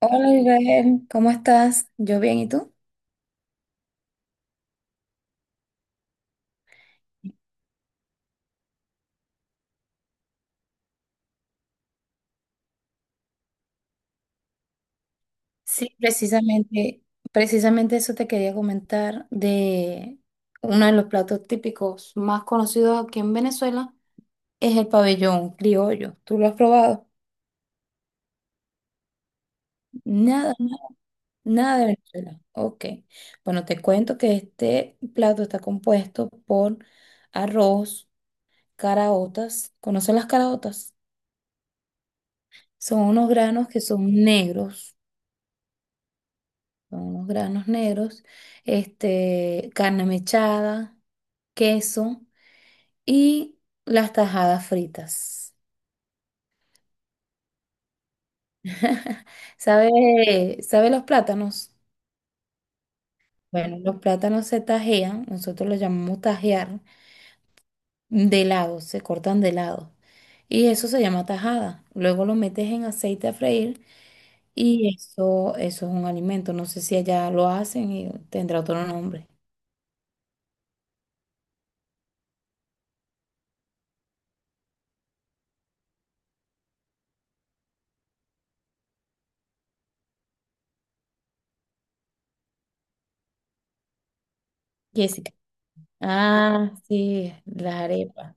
Hola, Isabel, ¿cómo estás? Yo bien, ¿y tú? Sí, precisamente eso te quería comentar de uno de los platos típicos más conocidos aquí en Venezuela es el pabellón criollo. ¿Tú lo has probado? Nada, na- nada de Venezuela. Ok. Bueno, te cuento que este plato está compuesto por arroz, caraotas. ¿Conoces las caraotas? Son unos granos que son negros. Son unos granos negros, este, carne mechada, queso y las tajadas fritas. ¿Sabe los plátanos? Bueno, los plátanos se tajean, nosotros los llamamos tajear, de lado, se cortan de lado. Y eso se llama tajada. Luego lo metes en aceite a freír y eso es un alimento. No sé si allá lo hacen y tendrá otro nombre. Jessica. Ah, sí, las arepas.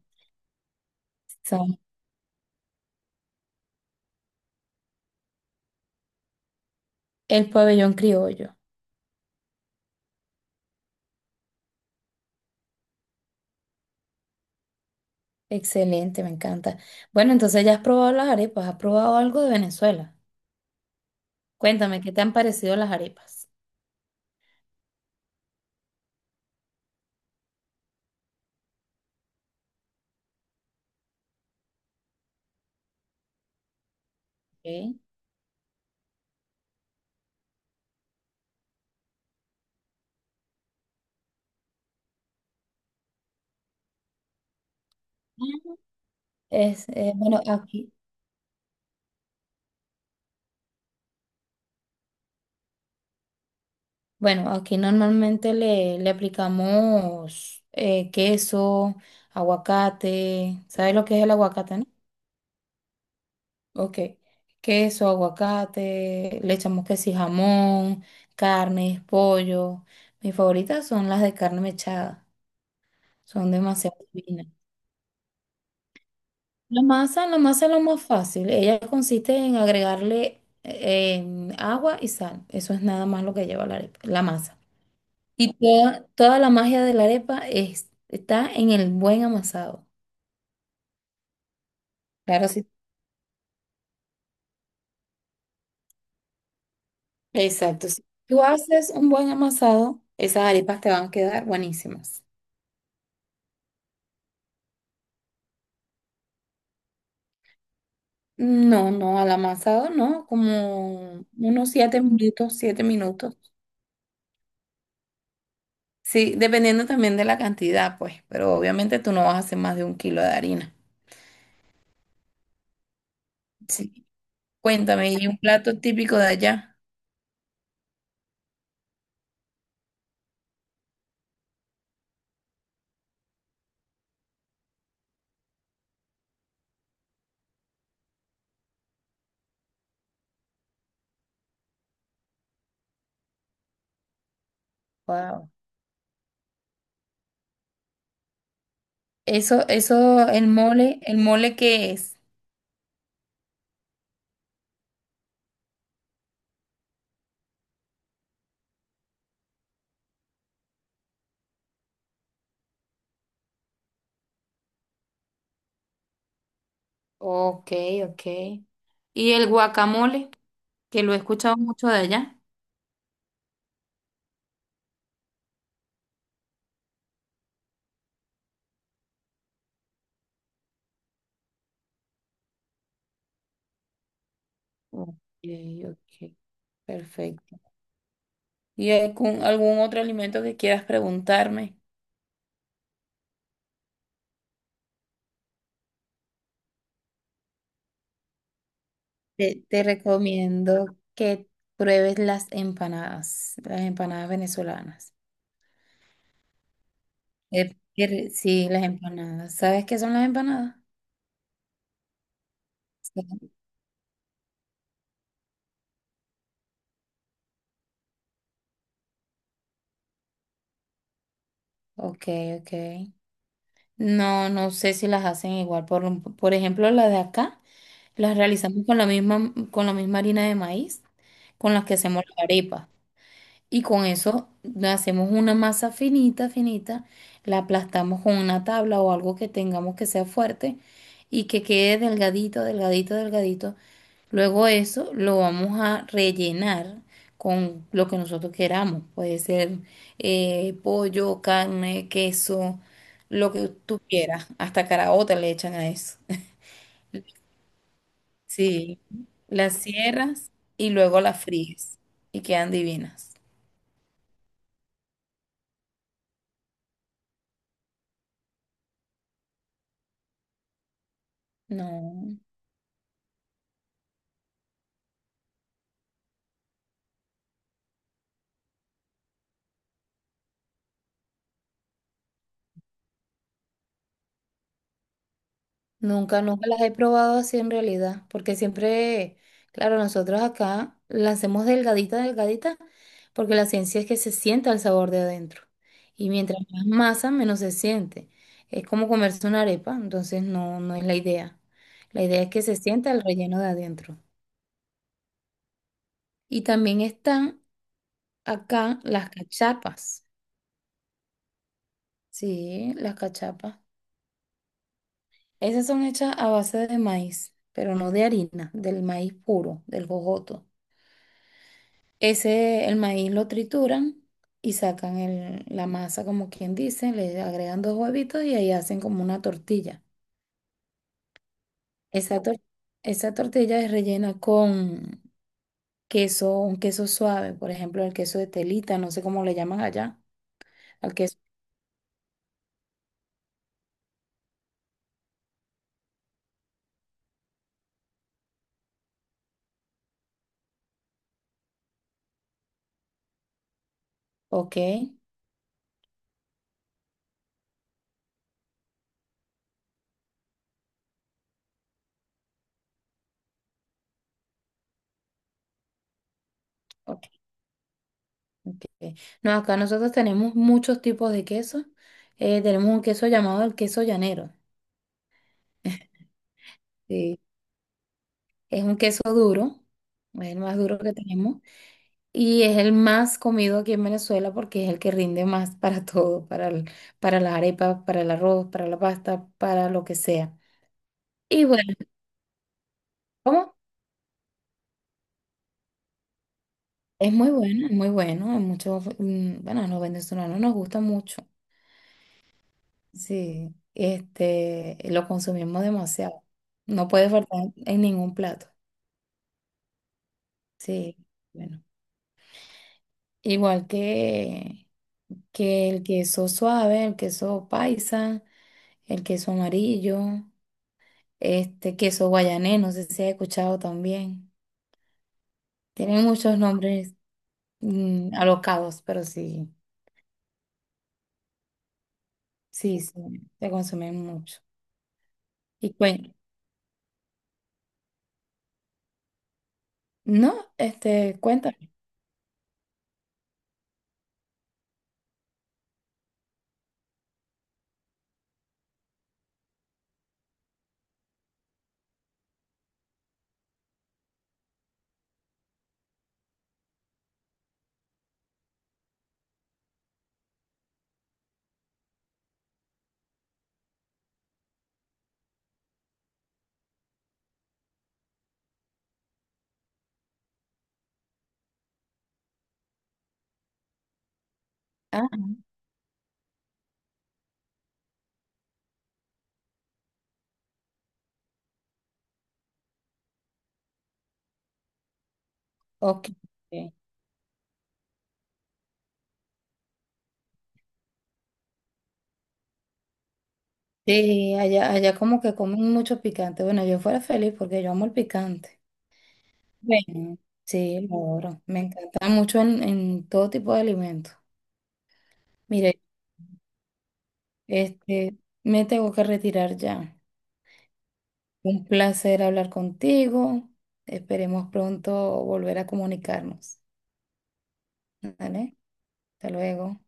El pabellón criollo. Excelente, me encanta. Bueno, entonces ya has probado las arepas, has probado algo de Venezuela. Cuéntame, ¿qué te han parecido las arepas? Ok. Es, eh, bueno, aquí, bueno, aquí normalmente le aplicamos queso, aguacate. ¿Sabes lo que es el aguacate, no? Ok. Queso, aguacate, le echamos que si jamón, carnes, pollo. Mis favoritas son las de carne mechada. Son demasiado divinas. La masa es lo más fácil. Ella consiste en agregarle agua y sal. Eso es nada más lo que lleva la arepa, la masa. Y toda la magia de la arepa está en el buen amasado. Claro, sí. Exacto. Si tú haces un buen amasado, esas arepas te van a quedar buenísimas. No, no, al amasado no, como unos 7 minutos, 7 minutos. Sí, dependiendo también de la cantidad, pues, pero obviamente tú no vas a hacer más de 1 kilo de harina. Sí. Cuéntame, ¿y un plato típico de allá? Wow. ¿El mole qué es? Ok, ok. Y el guacamole, que lo he escuchado mucho de allá. Ok, ok. Perfecto. ¿Y algún otro alimento que quieras preguntarme? Te recomiendo que pruebes las empanadas venezolanas. Sí, las empanadas. ¿Sabes qué son las empanadas? Sí. Ok, ok. No, no sé si las hacen igual. Por, por ejemplo, las de acá las realizamos con la misma harina de maíz con las que hacemos la arepa. Y con eso hacemos una masa finita, finita, la aplastamos con una tabla o algo que tengamos que sea fuerte y que quede delgadito, delgadito, delgadito. Luego eso lo vamos a rellenar con lo que nosotros queramos. Puede ser pollo, carne, queso, lo que tú quieras. Hasta caraota le echan a eso. Sí, las cierras y luego las fríes y quedan divinas. No. Nunca, nunca las he probado así en realidad, porque siempre, claro, nosotros acá las hacemos delgadita, delgadita, porque la ciencia es que se sienta el sabor de adentro. Y mientras más masa, menos se siente. Es como comerse una arepa, entonces no, no es la idea. La idea es que se sienta el relleno de adentro. Y también están acá las cachapas. Sí, las cachapas. Esas son hechas a base de maíz, pero no de harina, del maíz puro, del jojoto. Ese, el maíz lo trituran y sacan la masa, como quien dice, le agregan dos huevitos y ahí hacen como una tortilla. Esa, tor- esa tortilla es rellena con queso, un queso suave, por ejemplo, el queso de telita, no sé cómo le llaman allá, al queso. Ok, ok. No, acá nosotros tenemos muchos tipos de queso. Tenemos un queso llamado el queso llanero. Sí. Es un queso duro, es el más duro que tenemos. Y es el más comido aquí en Venezuela porque es el que rinde más para todo, para para las arepas, para el arroz, para la pasta, para lo que sea. Y bueno, ¿cómo? Es muy bueno, es muy bueno. Hay mucho, bueno, a los venezolanos nos gusta mucho. Sí, este, lo consumimos demasiado. No puede faltar en ningún plato. Sí, bueno. Igual que el queso suave, el queso paisa, el queso amarillo. Este queso guayanés, no sé si has escuchado también. Tienen muchos nombres alocados, pero sí, sí, sí, se consumen mucho. Y no, este, cuéntame. Ah, ok. Ok. Sí, allá, allá como que comen mucho picante. Bueno, yo fuera feliz porque yo amo el picante. Bueno, sí, lo adoro. Me encanta mucho en todo tipo de alimentos. Mire, este, me tengo que retirar ya. Un placer hablar contigo. Esperemos pronto volver a comunicarnos. ¿Vale? Hasta luego.